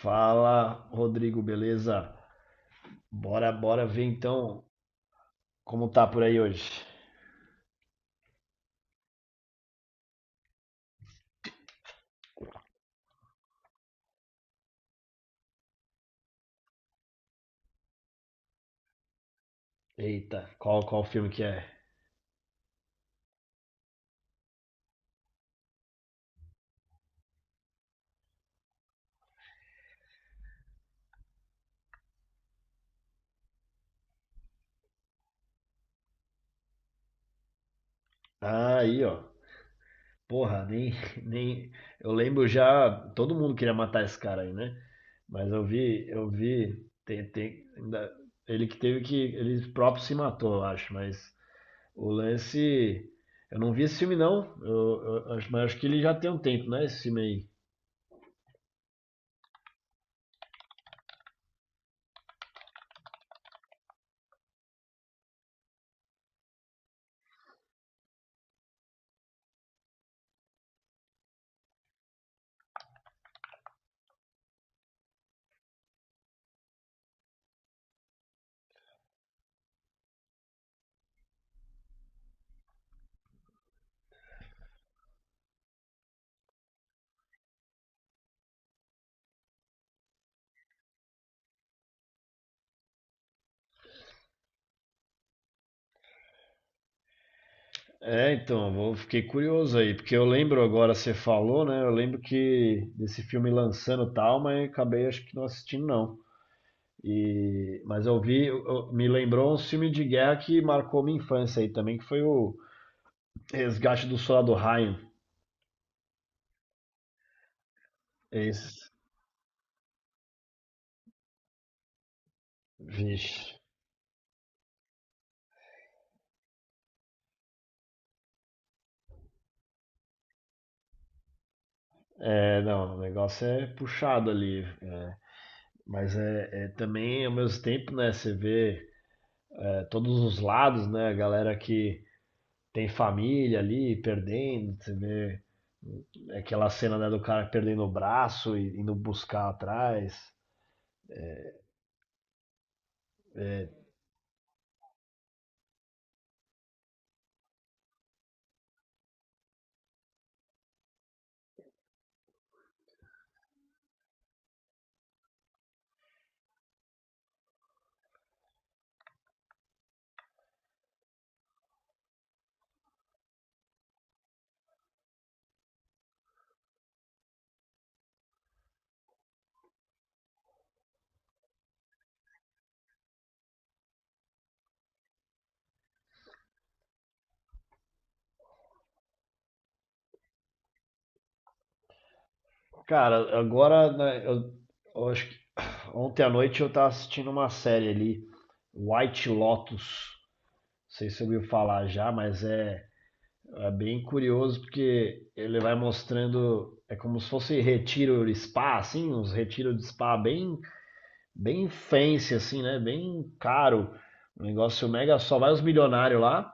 Fala, Rodrigo, beleza? Bora, bora ver então como tá por aí hoje. Eita, qual filme que é? Ah, aí, ó. Porra, nem nem eu lembro já. Todo mundo queria matar esse cara aí, né? Mas eu vi ele que teve, que ele próprio se matou, eu acho. Mas o lance, eu não vi esse filme não. Mas acho que ele já tem um tempo, né, esse filme aí. É, então, fiquei curioso aí, porque eu lembro agora, você falou, né? Eu lembro que desse filme lançando e tal, mas acabei, acho que não, assistindo não. E mas eu vi, me lembrou um filme de guerra que marcou minha infância aí também, que foi o Resgate do Soldado Ryan. Esse, vixe. É, não, o negócio é puxado ali. Mas é também ao mesmo tempo, né? Você vê, todos os lados, né? A galera que tem família ali perdendo, você vê. Aquela cena, né, do cara perdendo o braço e indo buscar atrás. Cara, agora né, eu acho que ontem à noite eu tava assistindo uma série ali, White Lotus. Não sei se você ouviu falar já, mas é, é bem curioso porque ele vai mostrando. É como se fosse retiro de spa, assim, uns retiros de spa bem, bem fancy, assim, né? Bem caro. Um negócio mega, só vai os milionários lá.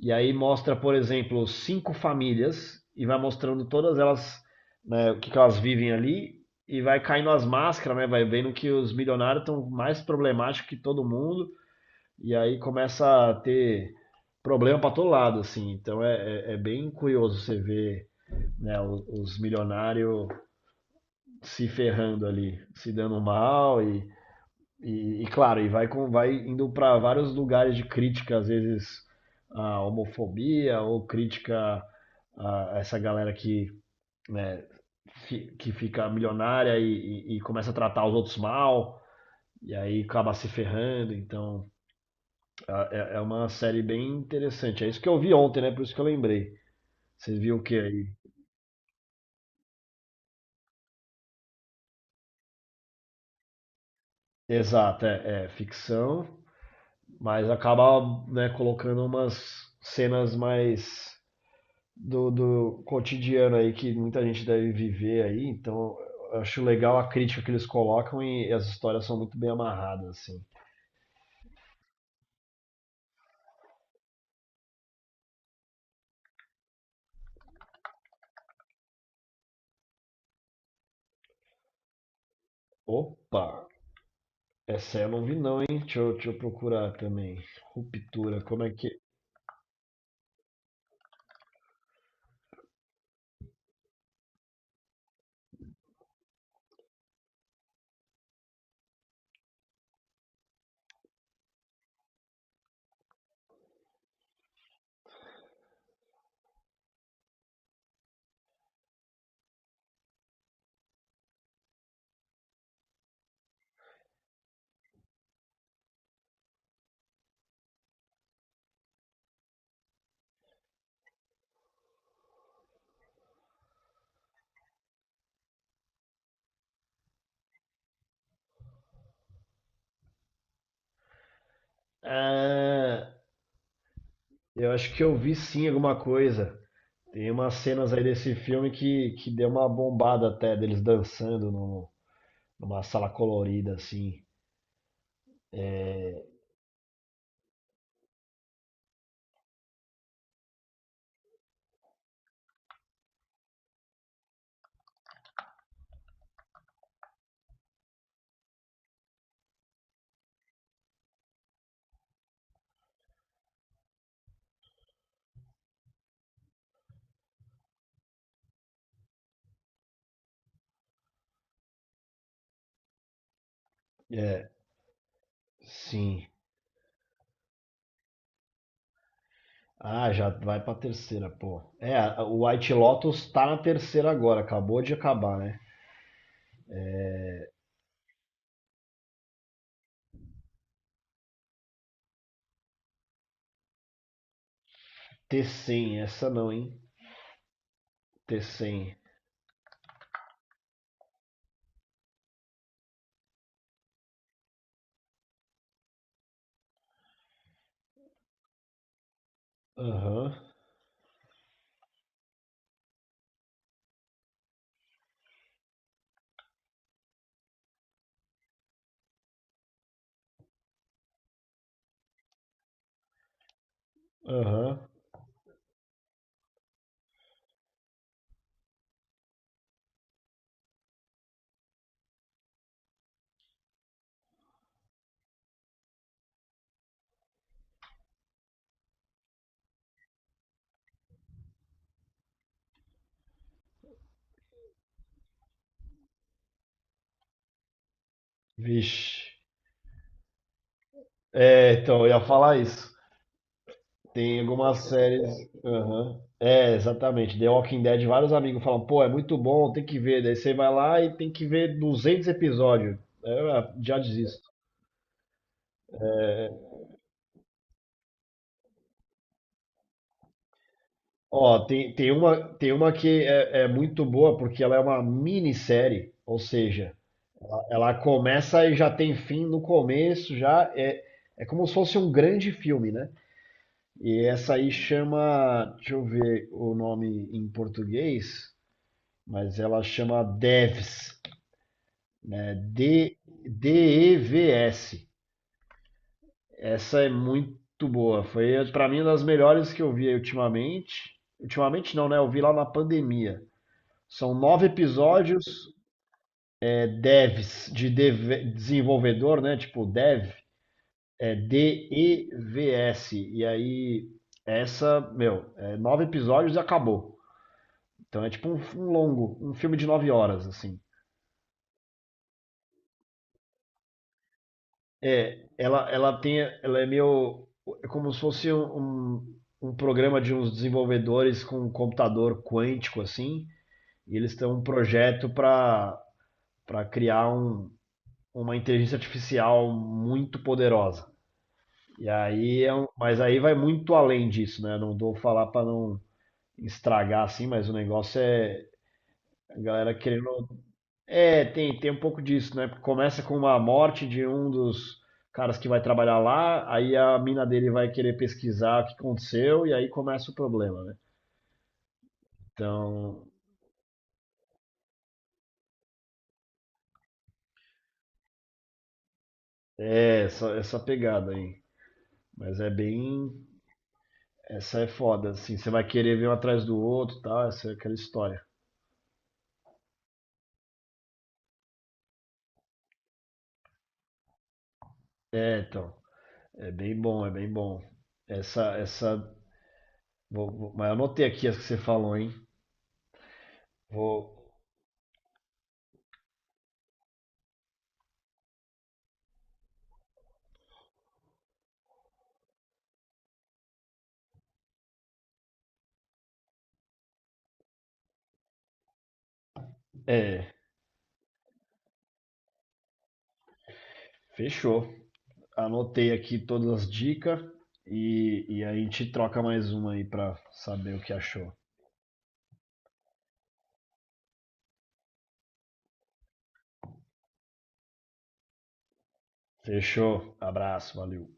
E aí mostra, por exemplo, cinco famílias, e vai mostrando todas elas, né, o que, que elas vivem ali, e vai caindo as máscaras, né? Vai vendo que os milionários estão mais problemáticos que todo mundo, e aí começa a ter problema para todo lado, assim. Então é bem curioso você ver, né, os milionários se ferrando ali, se dando mal, e, claro, e vai, vai indo para vários lugares de crítica, às vezes a homofobia, ou crítica a essa galera que, né, que fica milionária, e começa a tratar os outros mal, e aí acaba se ferrando. Então é uma série bem interessante. É isso que eu vi ontem, né? Por isso que eu lembrei. Você viu o que aí? Exato, é, é ficção, mas acaba, né, colocando umas cenas mais do, do cotidiano aí que muita gente deve viver aí, então eu acho legal a crítica que eles colocam, e as histórias são muito bem amarradas, assim. Opa, essa eu não vi não, hein? Deixa eu procurar também. Ruptura, como é que... Ah, eu acho que eu vi sim alguma coisa. Tem umas cenas aí desse filme que deu uma bombada até, deles dançando no, numa sala colorida, assim. É, sim. Ah, já vai pra terceira, pô. É, o White Lotus tá na terceira agora, acabou de acabar, né? T100, essa não, hein? T100. Aham, aham. Vixe. É, então, eu ia falar isso. Tem algumas séries. Aham. É, exatamente. The Walking Dead, vários amigos falam, pô, é muito bom, tem que ver. Daí você vai lá e tem que ver 200 episódios. É, já desisto. Ó, tem uma que é muito boa, porque ela é uma minissérie, ou seja, ela começa e já tem fim no começo. Já é, é como se fosse um grande filme, né? E essa aí chama, deixa eu ver o nome em português, mas ela chama Devs, né? D-E-V-S. Essa é muito boa, foi para mim uma das melhores que eu vi ultimamente. Ultimamente não, né? Eu vi lá na pandemia. São nove episódios. É, devs, desenvolvedor, né? Tipo, dev, é Devs. E V S. E aí, essa, meu, é nove episódios e acabou. Então é tipo um, um longo, um filme de nove horas, assim. É, ela é meio, é como se fosse um programa de uns desenvolvedores com um computador quântico, assim, e eles têm um projeto para criar um, uma inteligência artificial muito poderosa. E aí é um, mas aí vai muito além disso, né? Não vou falar para não estragar, assim, mas o negócio é a galera querendo. É, tem um pouco disso, né? Porque começa com uma morte de um dos caras que vai trabalhar lá, aí a mina dele vai querer pesquisar o que aconteceu, e aí começa o problema, né? Então, é essa, essa pegada aí. Mas é bem. Essa é foda, assim. Você vai querer ver um atrás do outro e tal, essa é aquela história. É, então. É bem bom, é bem bom. Essa. Mas eu anotei aqui as que você falou, hein? Vou. É, fechou. Anotei aqui todas as dicas, e a gente troca mais uma aí pra saber o que achou. Fechou. Abraço, valeu.